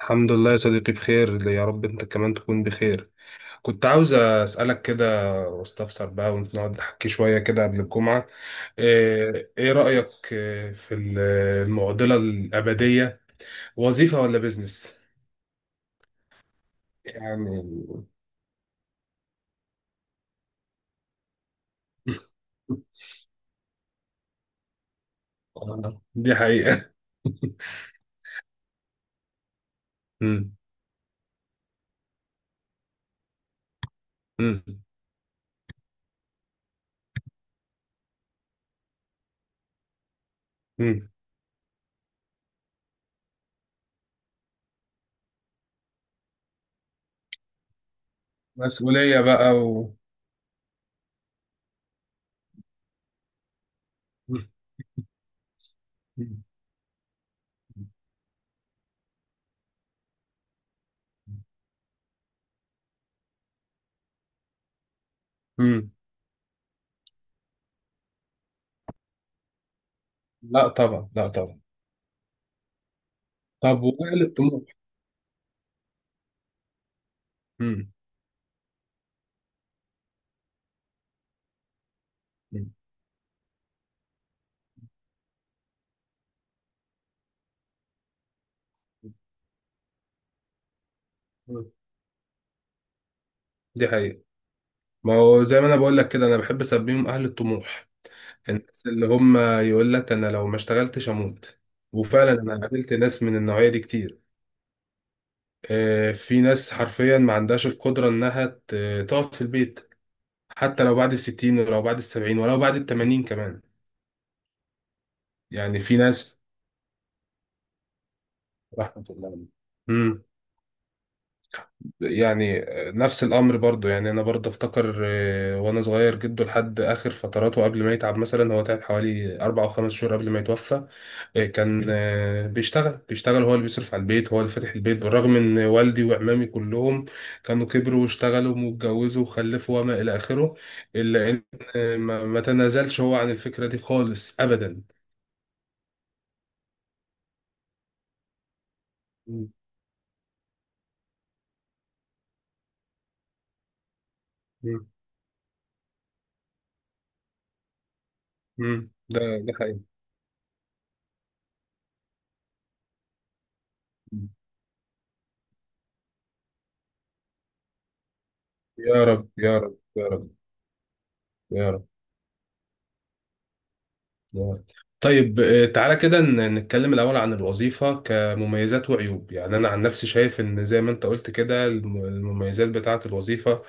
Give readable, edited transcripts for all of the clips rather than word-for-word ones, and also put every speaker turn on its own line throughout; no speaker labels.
الحمد لله يا صديقي، بخير يا رب، انت كمان تكون بخير. كنت عاوز اسالك كده واستفسر بقى، ونقعد نحكي شويه كده قبل الجمعه. ايه رايك المعضله الابديه، وظيفه ولا بيزنس؟ يعني... دي حقيقه. مم. مم. مم. مسؤوليه بقى و... مم. مم. لا طبعا، لا طبعا. طب، واهل الطموح؟ مم. مم. دي حقيقه. ما هو زي ما انا بقول لك كده، انا بحب اسميهم اهل الطموح، الناس اللي هم يقول لك انا لو ما اشتغلتش اموت. وفعلا انا قابلت ناس من النوعيه دي كتير. في ناس حرفيا ما عندهاش القدره انها تقعد في البيت، حتى لو بعد الستين ولو بعد السبعين ولو بعد التمانين كمان. يعني في ناس، رحمه الله عليهم. امم يعني نفس الامر برضو، يعني انا برضو افتكر. وانا صغير جده لحد اخر فتراته، قبل ما يتعب مثلا هو تعب حوالي 4 أو 5 شهور قبل ما يتوفى. كان بيشتغل بيشتغل، هو اللي بيصرف على البيت، هو اللي فاتح البيت، بالرغم ان والدي وعمامي كلهم كانوا كبروا واشتغلوا واتجوزوا وخلفوا وما الى اخره، الا ان ما تنازلش هو عن الفكرة دي خالص ابدا. مم. مم. مم. ده حقيقي. يا رب يا رب يا رب. يا رب يا رب. طيب، تعالى كده نتكلم الأول عن الوظيفة كمميزات وعيوب. يعني أنا عن نفسي شايف إن زي ما أنت قلت كده، المميزات بتاعة الوظيفة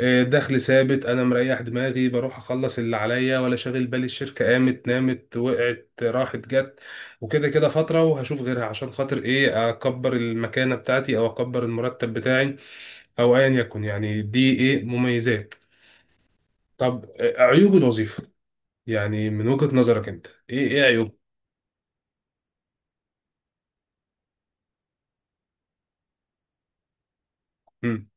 دخل ثابت، انا مريح دماغي، بروح اخلص اللي عليا، ولا شاغل بالي الشركه قامت نامت وقعت راحت جت. وكده كده فتره وهشوف غيرها، عشان خاطر ايه؟ اكبر المكانه بتاعتي او اكبر المرتب بتاعي، او ايا يكن. يعني دي ايه؟ مميزات. طب، عيوب الوظيفه، يعني من وجهه نظرك انت، ايه عيوب؟ مم.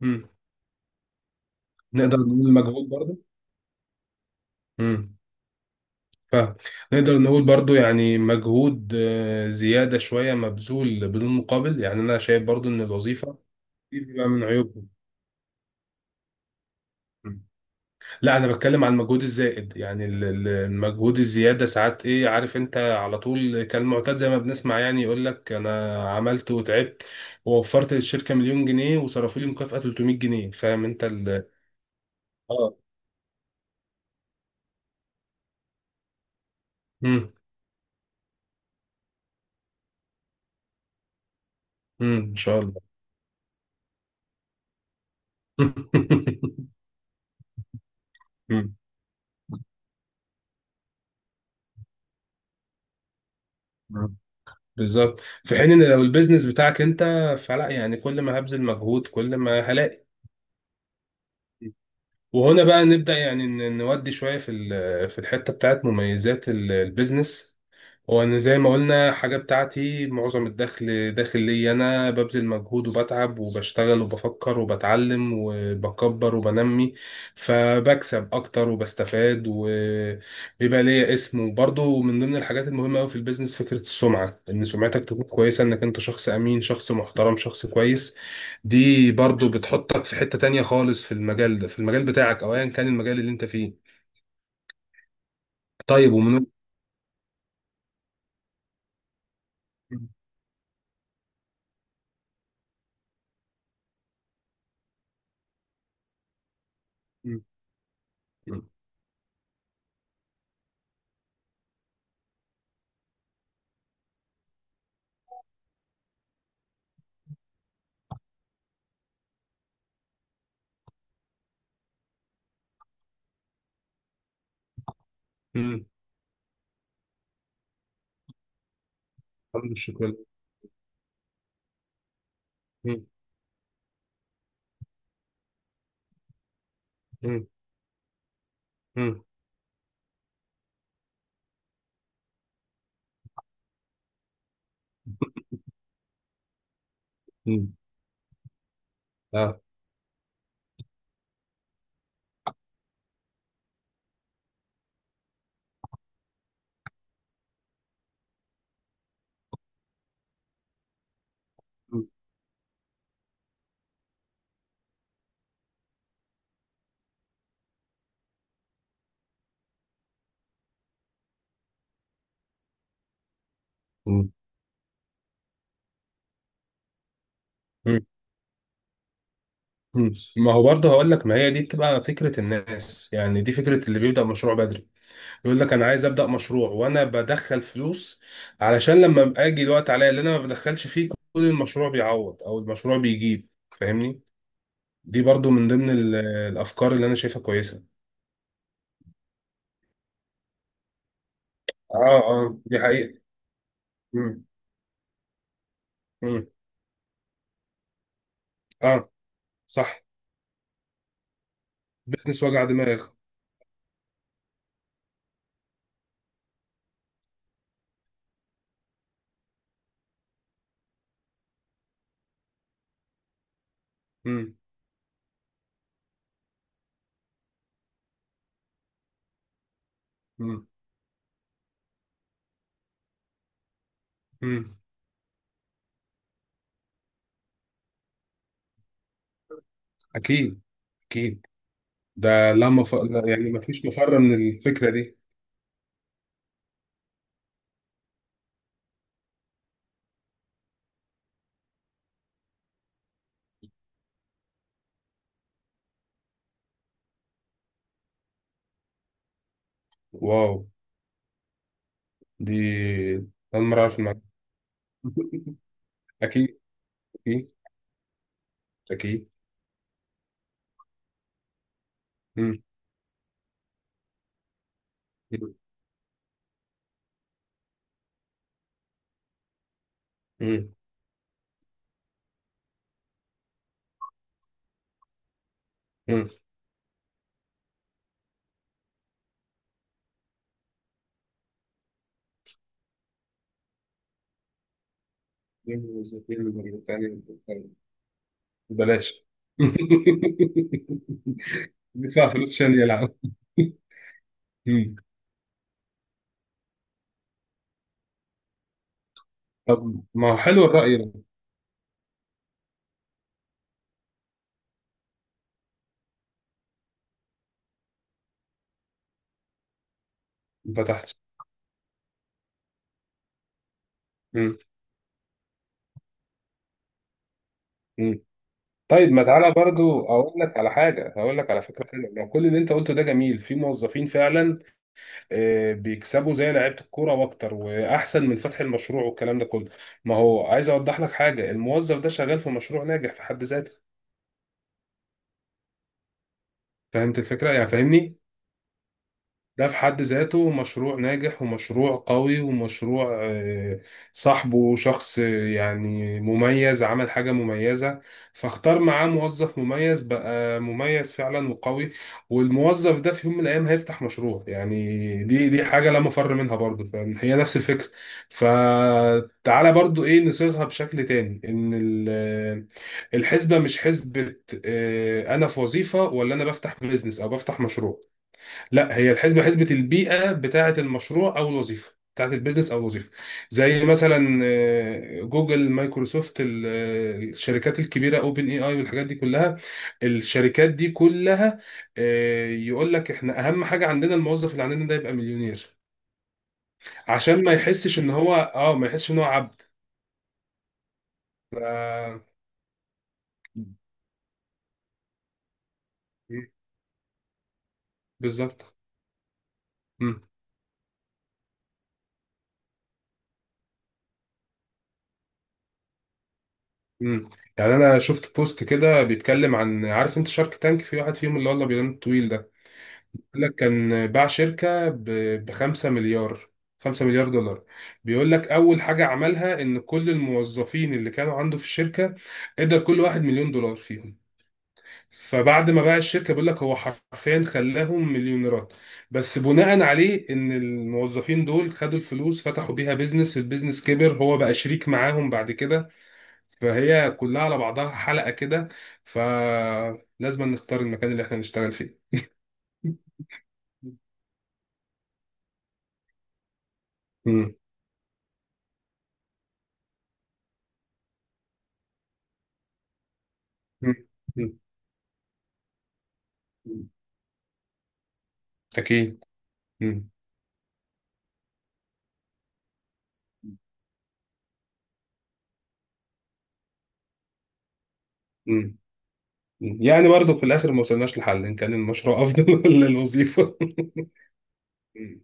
مم. نقدر نقول مجهود برضه. مم. فاهم. نقدر نقول برضو، يعني مجهود زيادة شوية مبذول بدون مقابل. يعني أنا شايف برضو إن الوظيفة دي بقى من عيوبهم. مم. لا انا بتكلم عن المجهود الزائد، يعني المجهود الزياده ساعات ايه، عارف انت على طول كان معتاد زي ما بنسمع، يعني يقول لك انا عملت وتعبت ووفرت للشركه مليون جنيه وصرفوا لي مكافاه 300 جنيه. فاهم انت ال اه امم ان شاء الله. مم. مم. بالظبط. في حين ان لو البيزنس بتاعك انت فلا، يعني كل ما هبذل مجهود كل ما هلاقي. وهنا بقى نبدأ، يعني نودي شوية في الحتة بتاعت مميزات البيزنس. وأنا زي ما قلنا حاجة بتاعتي، معظم الدخل داخل لي أنا، ببذل مجهود وبتعب وبشتغل وبفكر وبتعلم وبكبر وبنمي، فبكسب أكتر وبستفاد وبيبقى ليا اسم. وبرضه من ضمن الحاجات المهمة أوي في البيزنس فكرة السمعة، إن سمعتك تكون كويسة، إنك أنت شخص أمين، شخص محترم، شخص كويس. دي برضه بتحطك في حتة تانية خالص في المجال ده، في المجال بتاعك أو أيا كان المجال اللي أنت فيه. طيب، ومن... مم. مم. الحمد لله، شكرا. مم. مم. مم. اه. مم. مم. مم. مم. ما هو برضه هقول لك، ما هي دي بتبقى فكرة الناس، يعني دي فكرة اللي بيبدأ مشروع بدري. يقول لك أنا عايز أبدأ مشروع وأنا بدخل فلوس، علشان لما أبقى أجي الوقت عليا اللي أنا ما بدخلش فيه كل المشروع بيعوض أو المشروع بيجيب. فاهمني. دي برضه من ضمن الأفكار اللي أنا شايفها كويسة. اه دي حقيقة. مم. مم. اه. صح. بزنس وجع دماغ. مم. مم. مم. أكيد. أكيد. ده لا ولا، يعني ما فيش مفر من الفكرة دي. واو. دي أول مرة أعرف المعلومة. أكيد. أكيد. أكيد. مم. مم. مم. مم. بلاش. بيدفع فلوس عشان يلعب. مم. طب، ما هو حلو الرأي ده. ما فتحتش. مم. مم. طيب، ما تعالى برضو أقول لك على حاجة، هقول لك على فكرة حلوة. ما كل اللي أنت قلته ده جميل، في موظفين فعلا بيكسبوا زي لعيبه الكوره واكتر واحسن من فتح المشروع والكلام ده كله. ما هو عايز اوضح لك حاجه، الموظف ده شغال في مشروع ناجح في حد ذاته. فهمت الفكره؟ يعني فاهمني، ده في حد ذاته مشروع ناجح ومشروع قوي ومشروع صاحبه شخص يعني مميز، عمل حاجة مميزة، فاختار معاه موظف مميز بقى، مميز فعلا وقوي. والموظف ده في يوم من الأيام هيفتح مشروع، يعني دي حاجة لا مفر منها برضه، فهي نفس الفكرة. فتعالى برضه، إيه نصيغها بشكل تاني، إن الحسبة مش حسبة أنا في وظيفة ولا أنا بفتح بيزنس أو بفتح مشروع. لا، هي الحسبه حسبه البيئه بتاعه المشروع او الوظيفه، بتاعه البيزنس او الوظيفه. زي مثلا جوجل، مايكروسوفت، الشركات الكبيره، اوبن اي اي والحاجات دي كلها. الشركات دي كلها يقول لك احنا اهم حاجه عندنا الموظف اللي عندنا ده يبقى مليونير، عشان ما يحسش ان هو اه ما يحسش ان هو عبد. ف- بالظبط. مم. مم. يعني انا شفت بوست كده بيتكلم عن، عارف انت شارك تانك؟ في واحد فيهم، اللي والله بينام طويل ده، بيقول لك كان باع شركة ب 5 مليار. 5 مليار دولار. بيقول لك أول حاجة عملها إن كل الموظفين اللي كانوا عنده في الشركة ادى كل واحد مليون دولار فيهم. فبعد ما باع الشركة بيقول لك هو حرفيا خلاهم مليونيرات، بس بناء عليه إن الموظفين دول خدوا الفلوس فتحوا بيها بيزنس، البيزنس كبر هو بقى شريك معاهم بعد كده. فهي كلها على بعضها حلقة كده، فلازم نختار المكان اللي احنا نشتغل فيه. مم. مم. مم. أكيد. مم. مم. مم. يعني برضه في الآخر ما وصلناش لحل إن كان المشروع أفضل ولا الوظيفة. مم.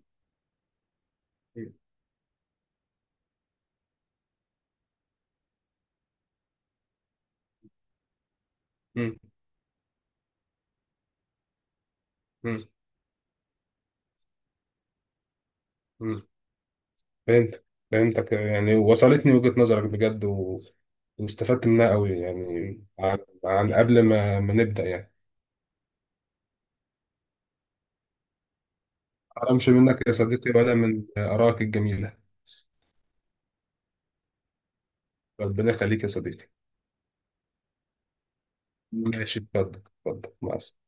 مم. مم. مم. فهمت. فهمتك، يعني وصلتني وجهة نظرك بجد، و... واستفدت منها قوي، يعني عن، عن قبل ما نبدأ يعني. أمشي منك يا صديقي ولا من آرائك الجميلة؟ ربنا يخليك يا صديقي. ماشي، اتفضل اتفضل، مع السلامة.